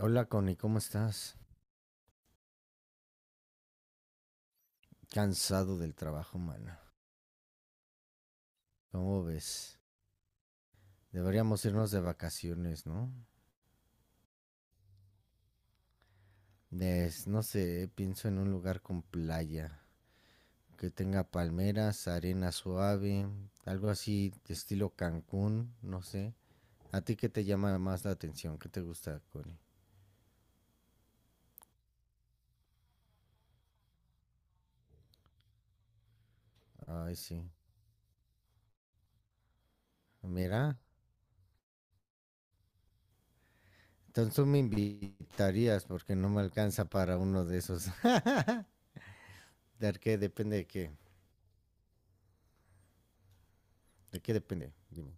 Hola Connie, ¿cómo estás? Cansado del trabajo, mana. ¿Cómo ves? Deberíamos irnos de vacaciones, ¿no? No sé, pienso en un lugar con playa, que tenga palmeras, arena suave, algo así de estilo Cancún, no sé. ¿A ti qué te llama más la atención? ¿Qué te gusta, Connie? Ay, sí. Mira, entonces tú me invitarías porque no me alcanza para uno de esos. ¿De qué depende de qué? ¿De qué depende? Dime.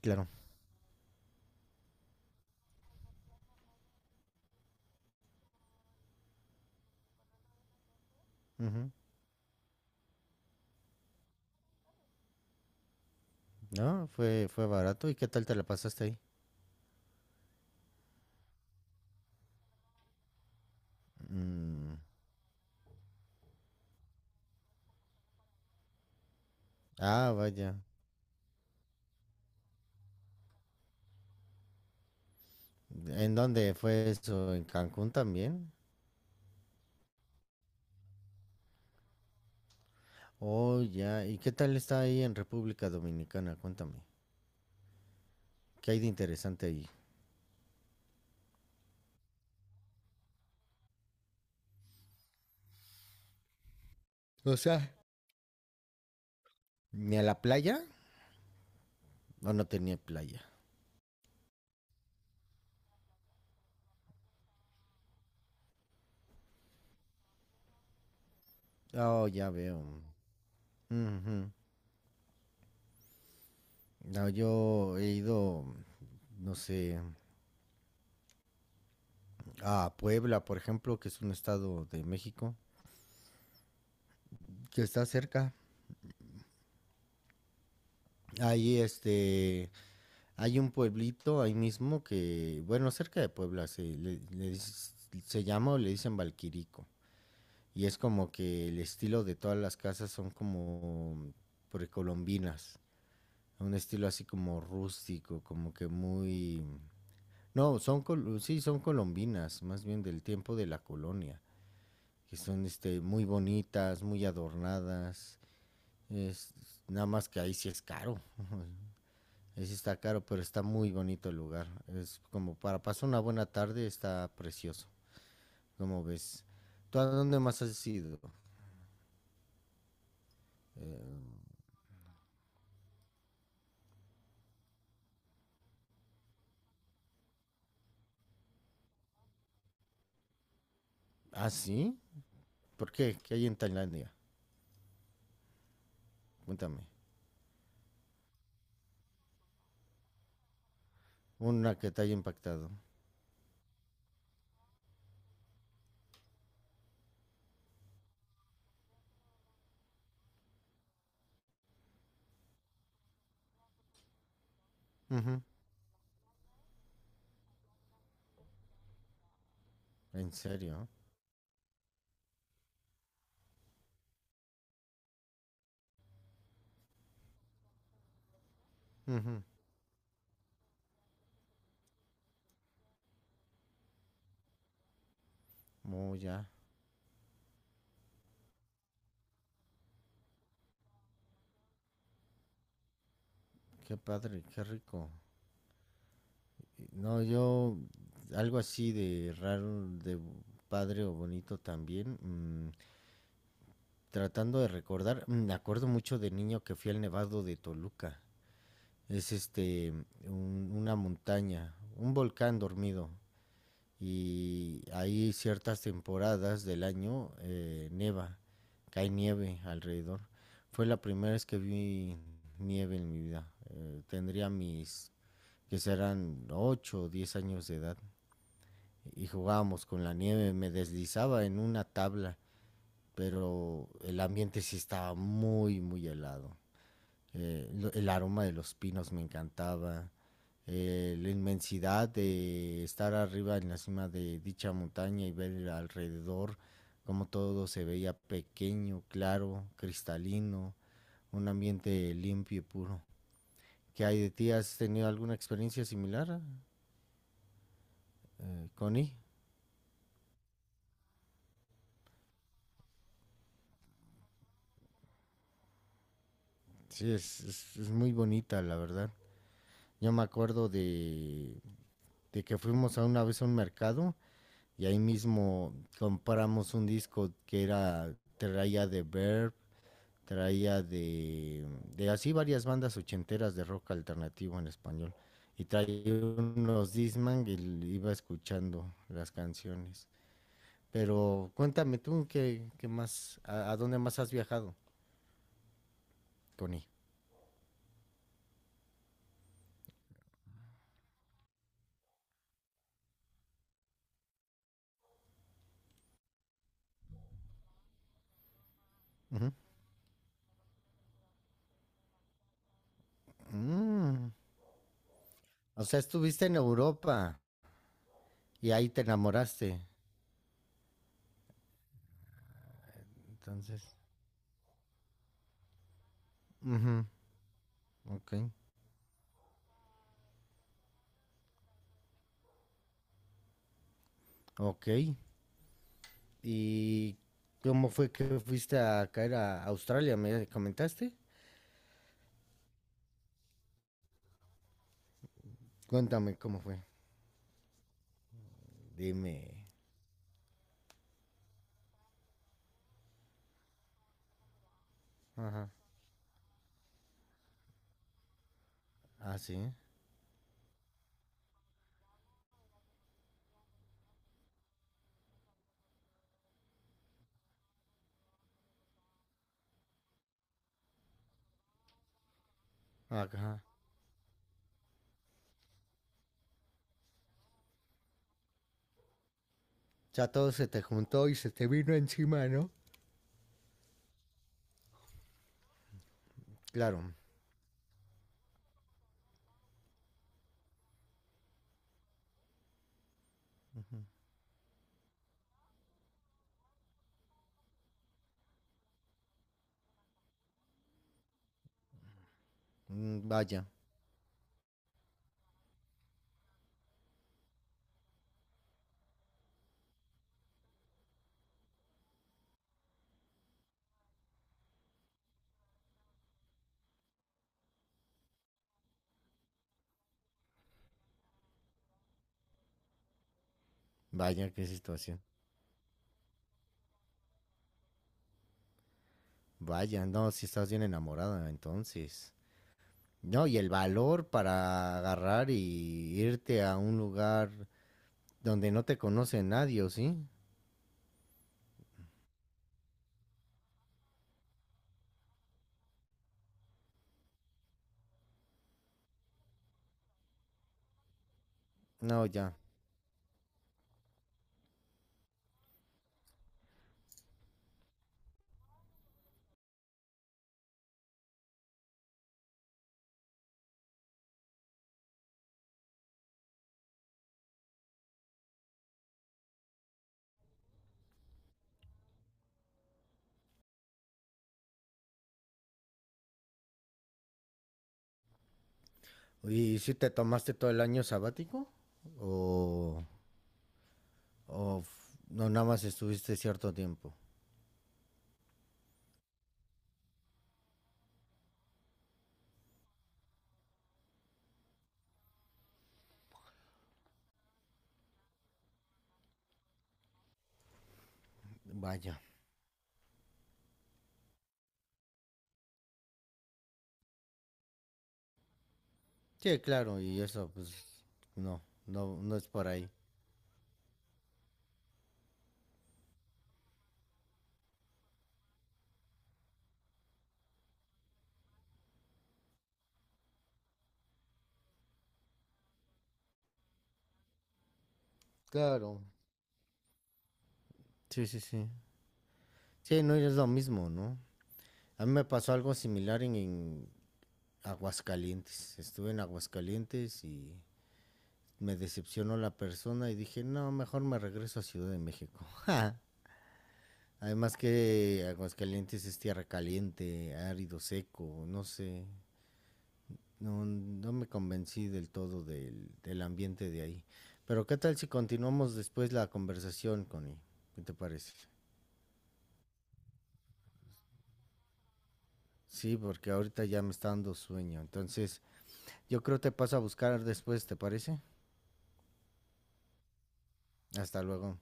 Claro. No, fue barato. ¿Y qué tal te la pasaste ahí? Mm, ah, vaya. ¿En dónde fue eso? ¿En Cancún también? Oh, ya. ¿Y qué tal está ahí en República Dominicana? Cuéntame. ¿Qué hay de interesante ahí? O sea, ¿ni a la playa? ¿O no tenía playa? Oh, ya veo. Ujú. No, yo he ido, no sé, a Puebla, por ejemplo, que es un estado de México, que está cerca. Ahí, hay un pueblito ahí mismo que, bueno, cerca de Puebla, se llama o le dicen Valquirico. Y es como que el estilo de todas las casas son como precolombinas. Un estilo así como rústico, como que muy... No, sí, son colombinas, más bien del tiempo de la colonia. Que son muy bonitas, muy adornadas. Es, nada más que ahí sí es caro. Sí está caro, pero está muy bonito el lugar. Es como para pasar una buena tarde, está precioso. ¿Cómo ves? ¿Tú a dónde más has ido? Eh, ¿Ah, sí? ¿Por qué? ¿Qué hay en Tailandia? Cuéntame. Una que te haya impactado. Ujú. ¿En serio? Ujú. Oh, ya. Qué padre, qué rico. No, yo algo así de raro, de padre o bonito también. Tratando de recordar, me acuerdo mucho de niño que fui al Nevado de Toluca. Es una montaña, un volcán dormido, y hay ciertas temporadas del año, cae nieve alrededor. Fue la primera vez que vi nieve en mi vida. Tendría mis que serán 8 o 10 años de edad y jugábamos con la nieve, me deslizaba en una tabla, pero el ambiente sí estaba muy muy helado. El aroma de los pinos me encantaba, la inmensidad de estar arriba en la cima de dicha montaña y ver alrededor cómo todo se veía pequeño, claro, cristalino, un ambiente limpio y puro. ¿Qué hay de ti? ¿Has tenido alguna experiencia similar, Connie? Sí, es muy bonita, la verdad. Yo me acuerdo de, que fuimos a una vez a un mercado y ahí mismo compramos un disco que era traía de así varias bandas ochenteras de rock alternativo en español y traía unos Disman y iba escuchando las canciones. Pero cuéntame tú qué más, dónde más has viajado, Tony. Uh -huh. Mm. O sea, estuviste en Europa y ahí te enamoraste. Entonces, uh -huh. Ok, ok. ¿Y cómo fue que fuiste a caer a Australia? ¿Me comentaste? Cuéntame cómo fue. Dime. Ajá. Ah, sí. Ajá. Ya todo se te juntó y se te vino encima, ¿no? Claro. Ujú. Mm, vaya, vaya, qué situación. Vaya, no, si estás bien enamorada, entonces. No, y el valor para agarrar y irte a un lugar donde no te conoce nadie, ¿o sí? No, ya, ¿y si te tomaste todo el año sabático? ¿O, no, nada más estuviste cierto tiempo? Vaya. Sí, claro, y eso, pues, no, no, no es por ahí. Claro. Sí, sí, sí. Sí, no es lo mismo, ¿no? A mí me pasó algo similar en, Aguascalientes. Estuve en Aguascalientes y me decepcionó la persona y dije, no, mejor me regreso a Ciudad de México. Además que Aguascalientes es tierra caliente, árido, seco, no sé. No, no me convencí del todo del, ambiente de ahí. Pero ¿qué tal si continuamos después la conversación, Connie? ¿Qué te parece? Sí, porque ahorita ya me está dando sueño. Entonces, yo creo te paso a buscar después, ¿te parece? Hasta luego.